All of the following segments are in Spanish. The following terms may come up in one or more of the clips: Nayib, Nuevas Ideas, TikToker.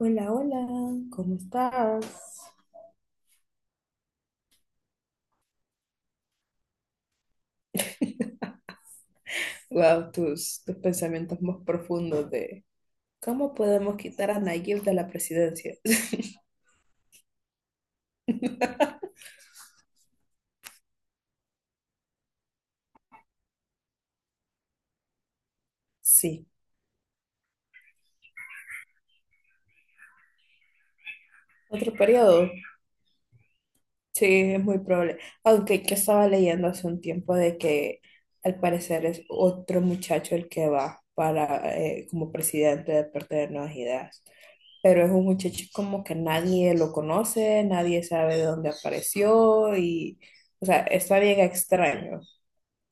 Hola, hola, ¿cómo estás? Wow, tus pensamientos más profundos de cómo podemos quitar a Nayib de la presidencia. Sí, otro periodo. Sí, es muy probable. Aunque que estaba leyendo hace un tiempo de que al parecer es otro muchacho el que va para como presidente de parte de Nuevas Ideas. Pero es un muchacho como que nadie lo conoce, nadie sabe de dónde apareció y, o sea, está bien extraño.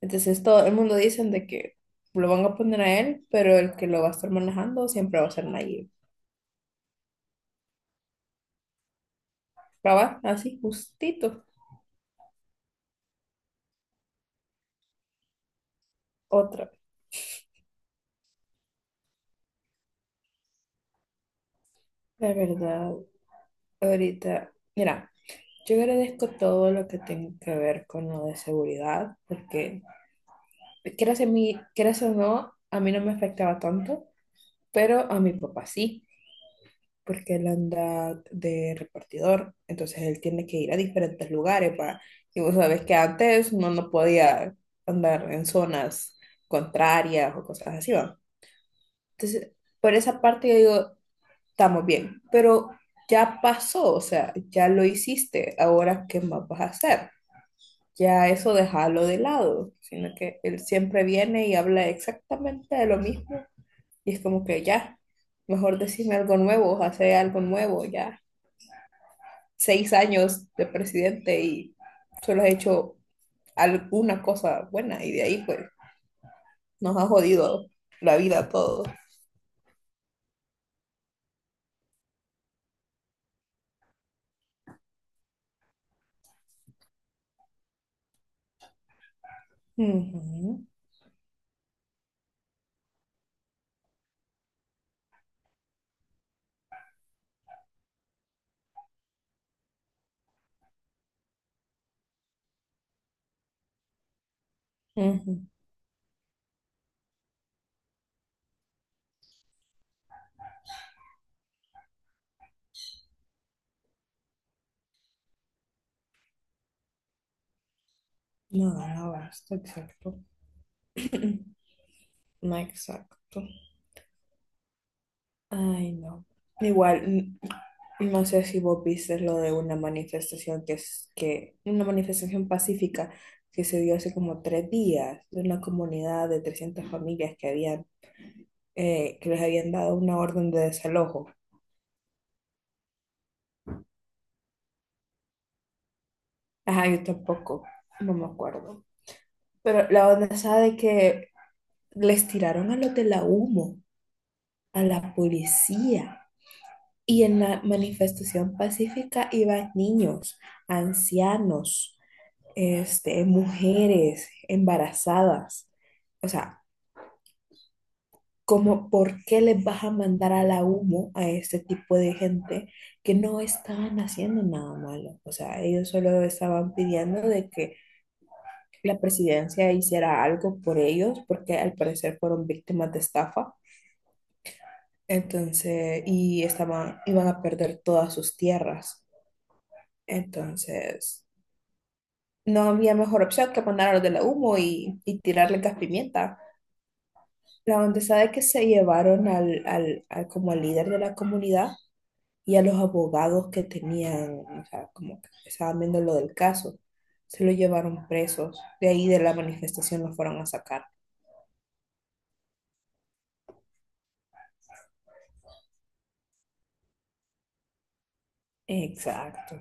Entonces todo el mundo dicen de que lo van a poner a él, pero el que lo va a estar manejando siempre va a ser Nayib. Cabal, así, justito. Otra, la verdad, ahorita, mira, yo agradezco todo lo que tenga que ver con lo de seguridad, porque quieras a mí, quieras o no, a mí no me afectaba tanto, pero a mi papá sí. Porque él anda de repartidor, entonces él tiene que ir a diferentes lugares para, y vos sabés que antes uno no podía andar en zonas contrarias o cosas así, ¿va? Entonces, por esa parte yo digo, estamos bien, pero ya pasó, o sea, ya lo hiciste, ahora ¿qué más vas a hacer? Ya eso déjalo de lado, sino que él siempre viene y habla exactamente de lo mismo y es como que ya, mejor decime algo nuevo, hace algo nuevo, ya. 6 años de presidente y solo has hecho alguna cosa buena y de ahí pues nos ha jodido la vida a todos. Ujú, ujú. No, no basta, exacto. No, exacto. Ay, no. Igual, no sé si vos viste lo de una manifestación que es que, una manifestación pacífica que se dio hace como 3 días de una comunidad de 300 familias que habían, que les habían dado una orden de desalojo. Ajá, yo tampoco, no me acuerdo. Pero la onda esa de que les tiraron a los de la humo, a la policía. Y en la manifestación pacífica iban niños, ancianos, este, mujeres embarazadas. O sea, como, ¿por qué les vas a mandar a la humo a este tipo de gente que no estaban haciendo nada malo? O sea, ellos solo estaban pidiendo de que la presidencia hiciera algo por ellos, porque al parecer fueron víctimas de estafa. Entonces, y estaban, iban a perder todas sus tierras. Entonces, no había mejor opción que mandar a los de la humo y tirarle gas pimienta. La onda de que se llevaron al como al líder de la comunidad y a los abogados que tenían, o sea, como que estaban viendo lo del caso, se lo llevaron presos. De ahí de la manifestación los fueron a sacar. Exacto.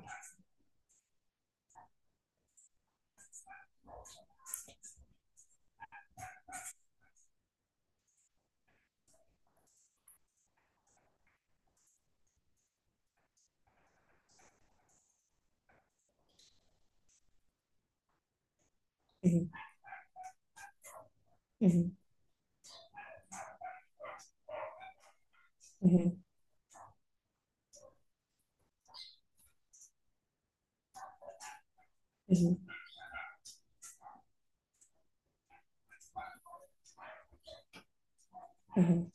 Ujú, ujú, ujú, ujú,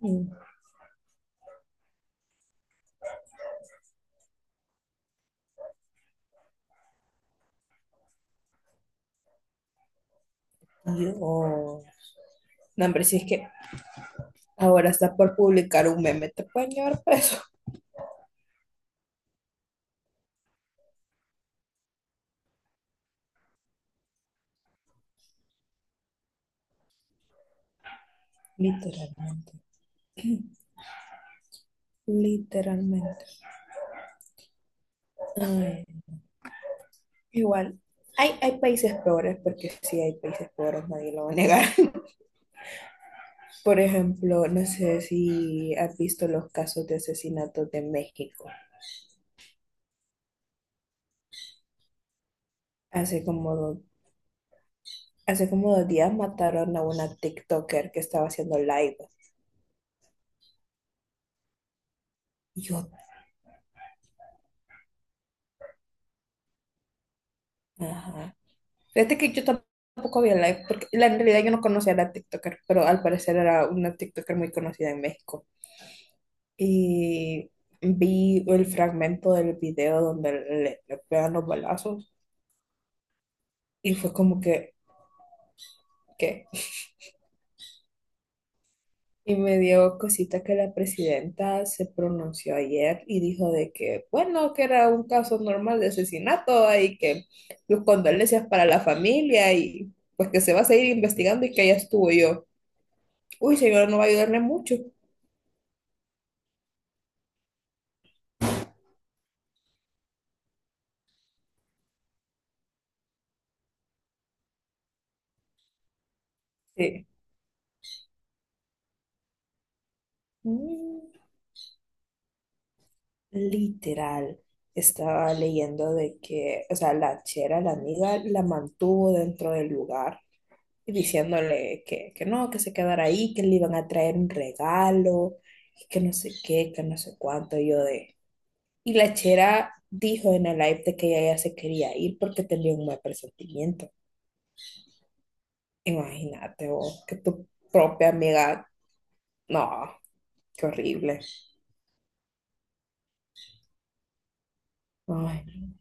ujú. Yo, no, hombre, si es que ahora está por publicar un meme, te pueden llevar preso. Literalmente, literalmente. Ay, igual, hay países peores, porque sí hay países peores, nadie lo va a negar. Por ejemplo, no sé si has visto los casos de asesinatos de México. Hace como dos, hace como 2 días mataron a una TikToker que estaba haciendo live. Y yo, ajá. Fíjate que yo tampoco había live, porque la, en realidad yo no conocía a la TikToker, pero al parecer era una TikToker muy conocida en México. Y vi el fragmento del video donde le pegan los balazos y fue como que, ¿qué? Y me dio cosita que la presidenta se pronunció ayer y dijo de que, bueno, que era un caso normal de asesinato y que sus condolencias para la familia y pues que se va a seguir investigando y que ya estuvo yo. Uy, señora, no va a ayudarle mucho. Sí. Mm, literal, estaba leyendo de que, o sea, la chera, la amiga, la mantuvo dentro del lugar y diciéndole que no, que se quedara ahí, que le iban a traer un regalo, y que no sé qué, que no sé cuánto, y yo de... Y la chera dijo en el live de que ella ya se quería ir porque tenía un mal presentimiento. Imagínate vos, que tu propia amiga, no, qué horrible. Ay. No.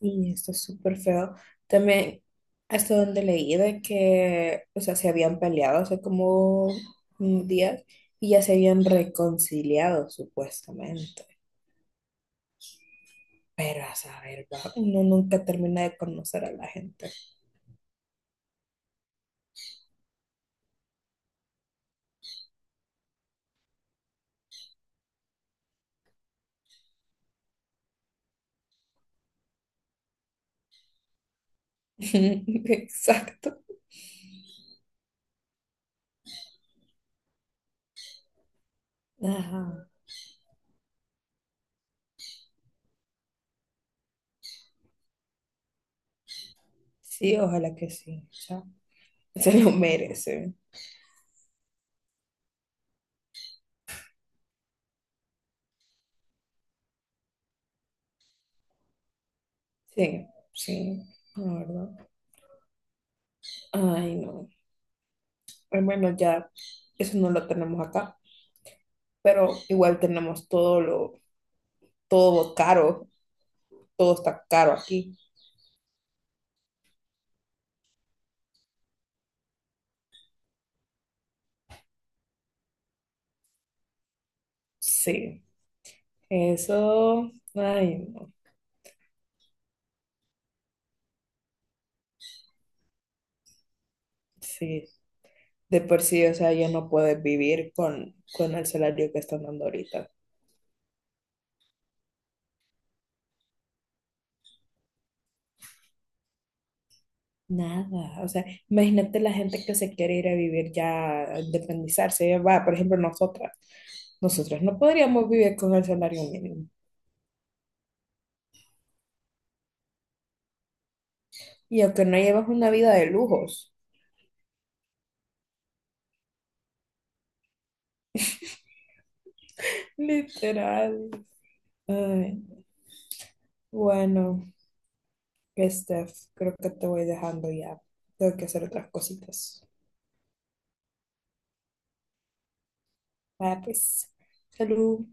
Sí, esto es súper feo. También, hasta donde leí de que, o sea, se habían peleado hace como un día y ya se habían reconciliado, supuestamente. Pero a saber, va, uno nunca termina de conocer a la gente. Exacto. Ajá. Sí, ojalá que sí. O sea, se lo merece. Sí, sí, la verdad. Ay, no. Al menos ya, eso no lo tenemos acá, pero igual tenemos todo lo todo caro, todo está caro aquí. Sí, eso, ay, no, sí, de por sí, o sea, ya no puedes vivir con, el salario que están dando ahorita. Nada, o sea, imagínate la gente que se quiere ir a vivir ya, a independizarse, va, por ejemplo, nosotras no podríamos vivir con el salario mínimo. Y aunque no llevas una vida de lujos, literal. Ay, bueno, Steph, creo que te voy dejando ya. Tengo que hacer otras cositas. Vaya pues, salud.